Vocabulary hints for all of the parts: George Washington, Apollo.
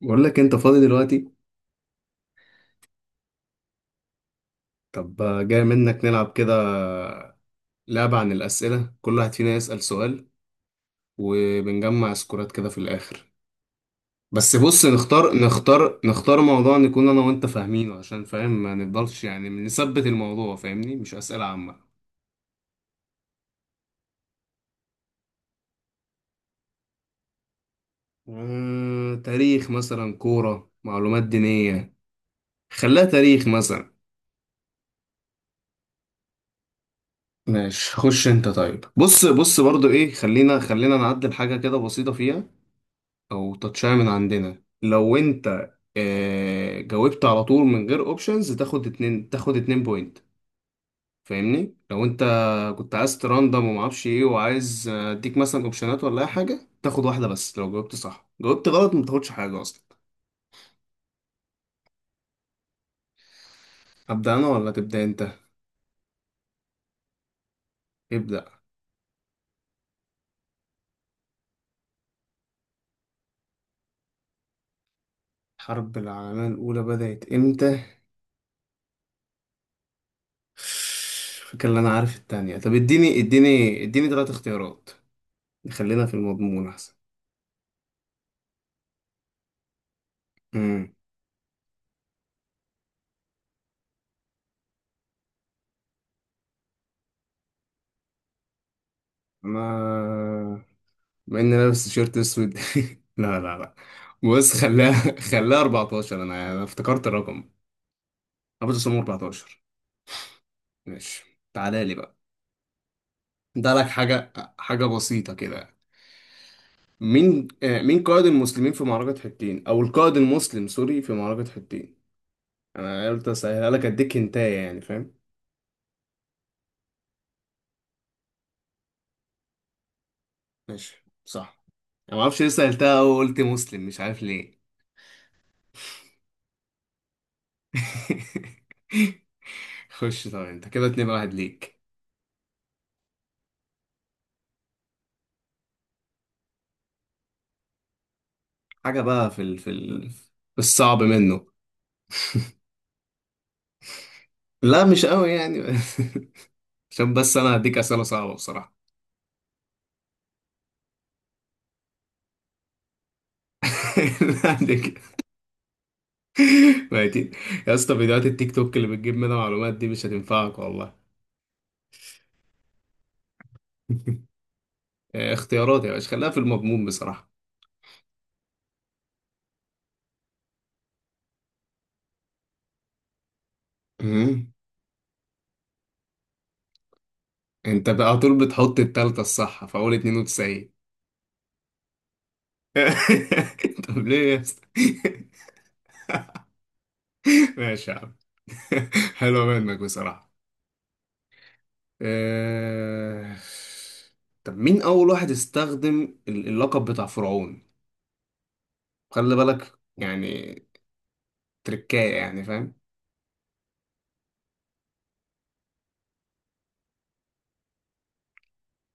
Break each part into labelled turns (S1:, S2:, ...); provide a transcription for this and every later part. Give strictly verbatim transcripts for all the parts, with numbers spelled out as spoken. S1: بقول لك انت فاضي دلوقتي. طب جاي منك نلعب كده لعبة عن الأسئلة، كل واحد فينا يسأل سؤال وبنجمع سكورات كده في الآخر. بس بص، نختار نختار نختار موضوع نكون أنا وأنت فاهمينه عشان فاهم، ما نفضلش يعني نثبت الموضوع، فاهمني، مش أسئلة عامة. آه، تاريخ مثلا، كورة، معلومات دينية. خليها تاريخ مثلا. ماشي، خش انت. طيب بص بص برضو ايه، خلينا خلينا نعدل حاجة كده بسيطة فيها او تاتشاية من عندنا. لو انت آه، جاوبت على طول من غير اوبشنز تاخد اتنين، تاخد اتنين بوينت. فاهمني، لو انت كنت عايز تراندم ومعرفش ايه وعايز آه، اديك مثلا اوبشنات ولا اي حاجه، تاخد واحده بس. لو جاوبت صح. جاوبت غلط ما تاخدش حاجه اصلا. ابدا انا ولا تبدا انت؟ ابدا. الحرب العالميه الاولى بدات امتى؟ فاكر. اللي انا عارف التانية. طب اديني اديني اديني ثلاث اختيارات. خلينا في المضمون احسن. امم انا، مع اني لابس تيشيرت اسود، لا لا لا. بص، خلاها خلاها أربعة عشر. انا أنا افتكرت الرقم. ابو تصميم أربعة عشر. ماشي، تعالى لي بقى. ده لك حاجه، حاجه بسيطه كده. مين آه، مين قائد المسلمين في معركه حطين او القائد المسلم سوري في معركه حطين. انا قلت اسهلها لك، اديك هنتايه يعني، فاهم؟ ماشي صح. انا ما اعرفش ليه سهلتها او قلت مسلم، مش عارف ليه. خش. طبعا انت كده اتنين، واحد ليك. حاجة بقى في ال... في ال... في الصعب منه. لا، مش قوي يعني. عشان بس انا هديك اسئله صعبه بصراحه. لا هديك ميتين يا اسطى، فيديوهات التيك توك اللي بتجيب منها معلومات دي مش هتنفعك والله. آه، اختيارات يا باشا، خليها في المضمون بصراحه. مم. انت بقى على طول بتحط التالتة الصح في اول اتنين وتسعين. طب ليه يا اسطى؟ ماشي يا عم. حلوه منك بصراحه. آه... طب مين أول واحد استخدم ال- اللقب بتاع فرعون؟ خلي بالك يعني، تركاية يعني، فاهم؟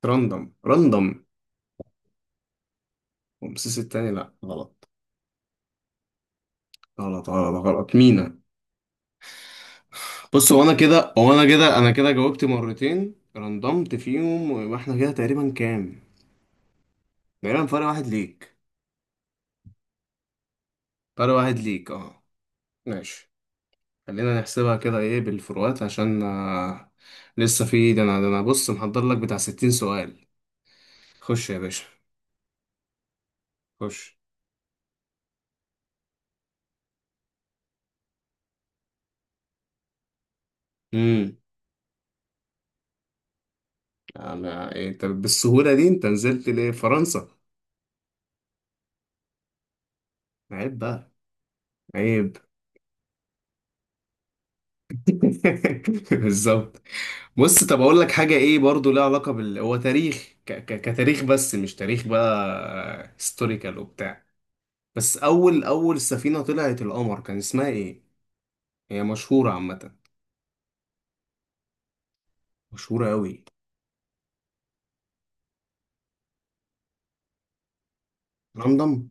S1: راندم. راندم. رمسيس التاني؟ لأ غلط. غلط غلط غلط، مينا. بص، هو أنا كده هو أنا كده أنا كده جاوبت مرتين رندمت فيهم، ويبقى إحنا كده تقريبا كام؟ تقريبا فرق واحد ليك. فرق واحد ليك أه. ماشي. خلينا نحسبها كده إيه بالفروقات عشان آه، لسه في. ده أنا ده أنا بص محضر لك بتاع 60 سؤال. خش يا باشا، خش. امم انا إيه، طب بالسهوله دي انت نزلت ليه فرنسا؟ عيب بقى، عيب. بالظبط. بص، طب اقول لك حاجه ايه، برضو لها علاقه بال، هو تاريخ ك... ك... كتاريخ بس مش تاريخ بقى هيستوريكال وبتاع. بس اول اول سفينه طلعت القمر كان اسمها ايه؟ هي مشهوره عامه، مشهوره قوي. لندن.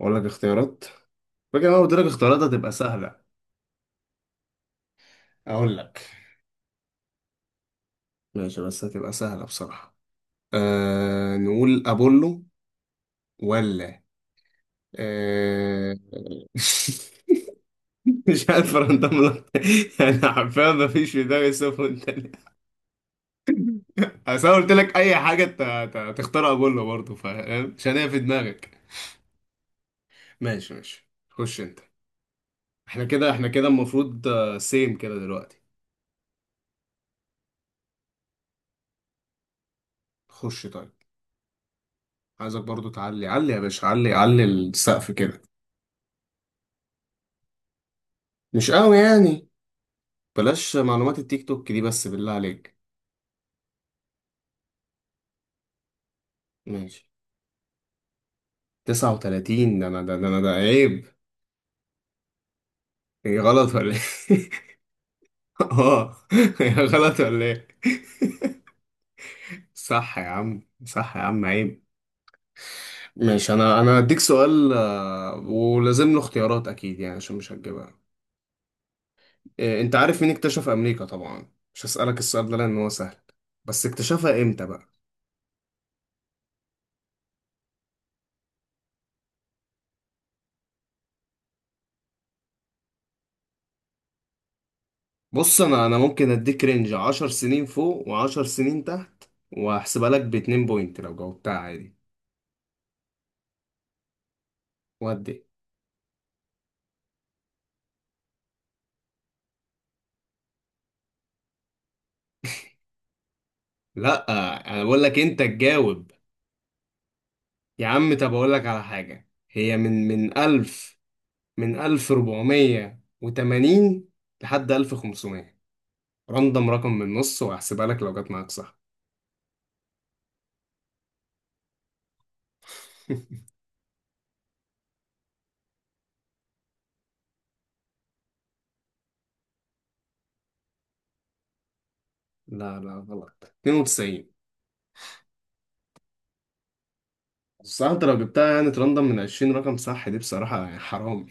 S1: اقول لك اختيارات. فاكر انا قلت لك اختيارات هتبقى سهله. اقول لك، ماشي، بس هتبقى سهله بصراحه. آه نقول أبولو، ولا آه، مش عارف، رندم لك. أنا حرفيا ما فيش في دماغي صفر تاني. أصل أنا قلت لك أي حاجة، أنت أنت تختار أبولو برضه، فاهم، عشان هي في دماغك. ماشي ماشي، خش أنت. إحنا كده إحنا كده المفروض سيم كده دلوقتي. خش طيب. عايزك برضه تعلي علي يا باشا، علي، علي السقف كده. مش قوي يعني. بلاش معلومات التيك توك دي، بس بالله عليك. ماشي. تسعة وتلاتين. ده انا ده ده انا ده عيب. هي غلط ولا ايه؟ اه. هي غلط ولا ايه؟ صح يا عم، صح يا عم، عيب. ماشي، انا انا هديك سؤال، آه، ولازم له اختيارات اكيد يعني عشان مش هتجيبها. إيه، انت عارف مين اكتشف امريكا، طبعا مش هسألك السؤال ده لان هو سهل، بس اكتشفها امتى بقى؟ بص انا انا ممكن اديك رينج 10 سنين فوق و10 سنين تحت. وهحسبها لك باتنين بوينت لو جاوبتها عادي. ودي. لا، انا بقول لك انت تجاوب. يا عم، طب أقول لك على حاجة، هي من من ألف. من ألف ربعمية وتمانين لحد ألف خمسمية. رندم رقم من النص وهحسبها لك لو جت معاك صح. لا لا غلط. اتنين وتسعين. بس انت لو جبتها يعني ترندم من 20 رقم صح دي بصراحة يعني حرام.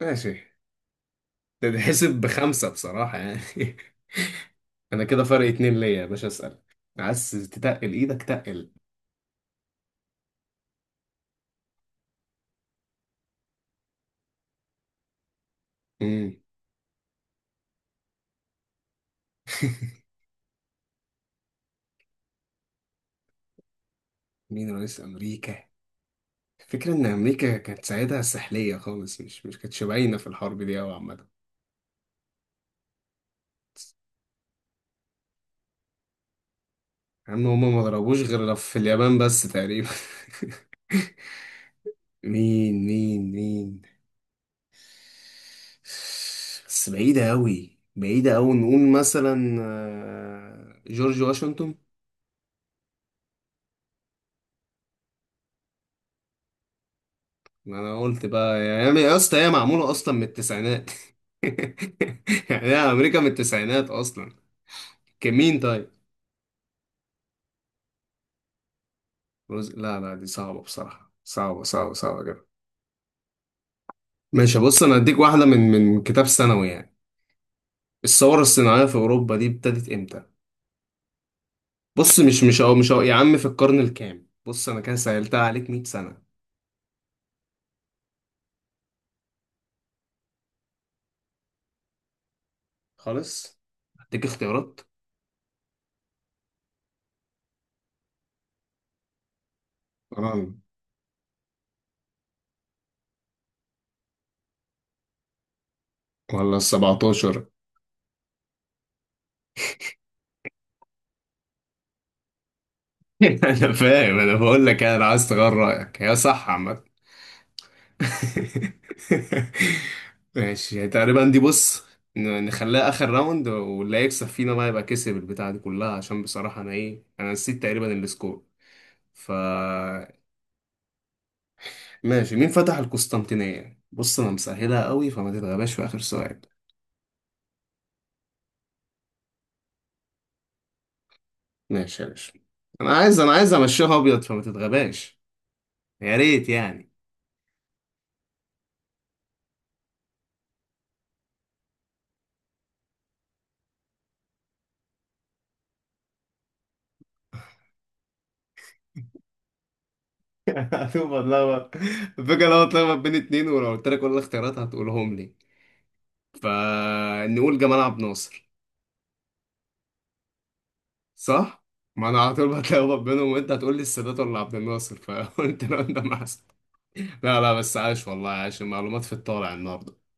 S1: ماشي. تتحسب بخمسة بصراحة يعني. انا كده فرق اتنين ليا يا باشا، اسأل. عايز تتقل ايدك، تقل. مم. مين رئيس امريكا؟ الفكرة إن أمريكا كانت ساعتها سحلية خالص، مش مش كانتش باينة في الحرب دي أوي عامة. عم هما ما ضربوش غير في اليابان بس تقريبا. مين مين مين. بس بعيدة أوي، بعيدة أوي، نقول مثلا آه، جورج واشنطن. ما أنا قلت بقى، يا يا اسطى، هي معمولة أصلا من التسعينات. يعني هي أمريكا من التسعينات أصلا. كمين طيب. روز- لا لا، دي صعبة بصراحة، صعبة صعبة صعبة. ماشي بص، انا هديك واحده من من كتاب ثانوي يعني. الثوره الصناعيه في اوروبا دي ابتدت امتى؟ بص، مش مش أو مش أو يا عم في القرن الكام؟ بص انا كده سهلتها عليك ميت سنة سنه. خالص. هديك اختيارات. تمام. ولا ال سبعتاشر. انا فاهم، انا بقول لك يعني، انا عايز تغير رايك، هي صح عامه. ماشي، يعني تقريبا دي بص، ن- نخليها اخر راوند، واللي هيكسب فينا بقى يبقى كسب البتاعه دي كلها، عشان بصراحه انا ايه انا نسيت تقريبا السكور. ف. ماشي، مين فتح القسطنطينية؟ بص انا مسهلها قوي، فما تتغباش في اخر سؤال. ماشي يا باشا. انا عايز انا عايز امشيها ابيض فما تتغباش. يا ريت يعني. هتبقى اتلخبط. الفكرة لو اتلخبط بين اتنين، ولو قلت لك كل الاختيارات هتقولهم لي، فنقول جمال عبد الناصر. صح؟ ما انا على طول بتلخبط بينهم، وانت هتقول لي السادات ولا عبد الناصر، فقلت له انت معسل. لا لا، بس عاش والله، عاش، المعلومات في الطالع النهارده.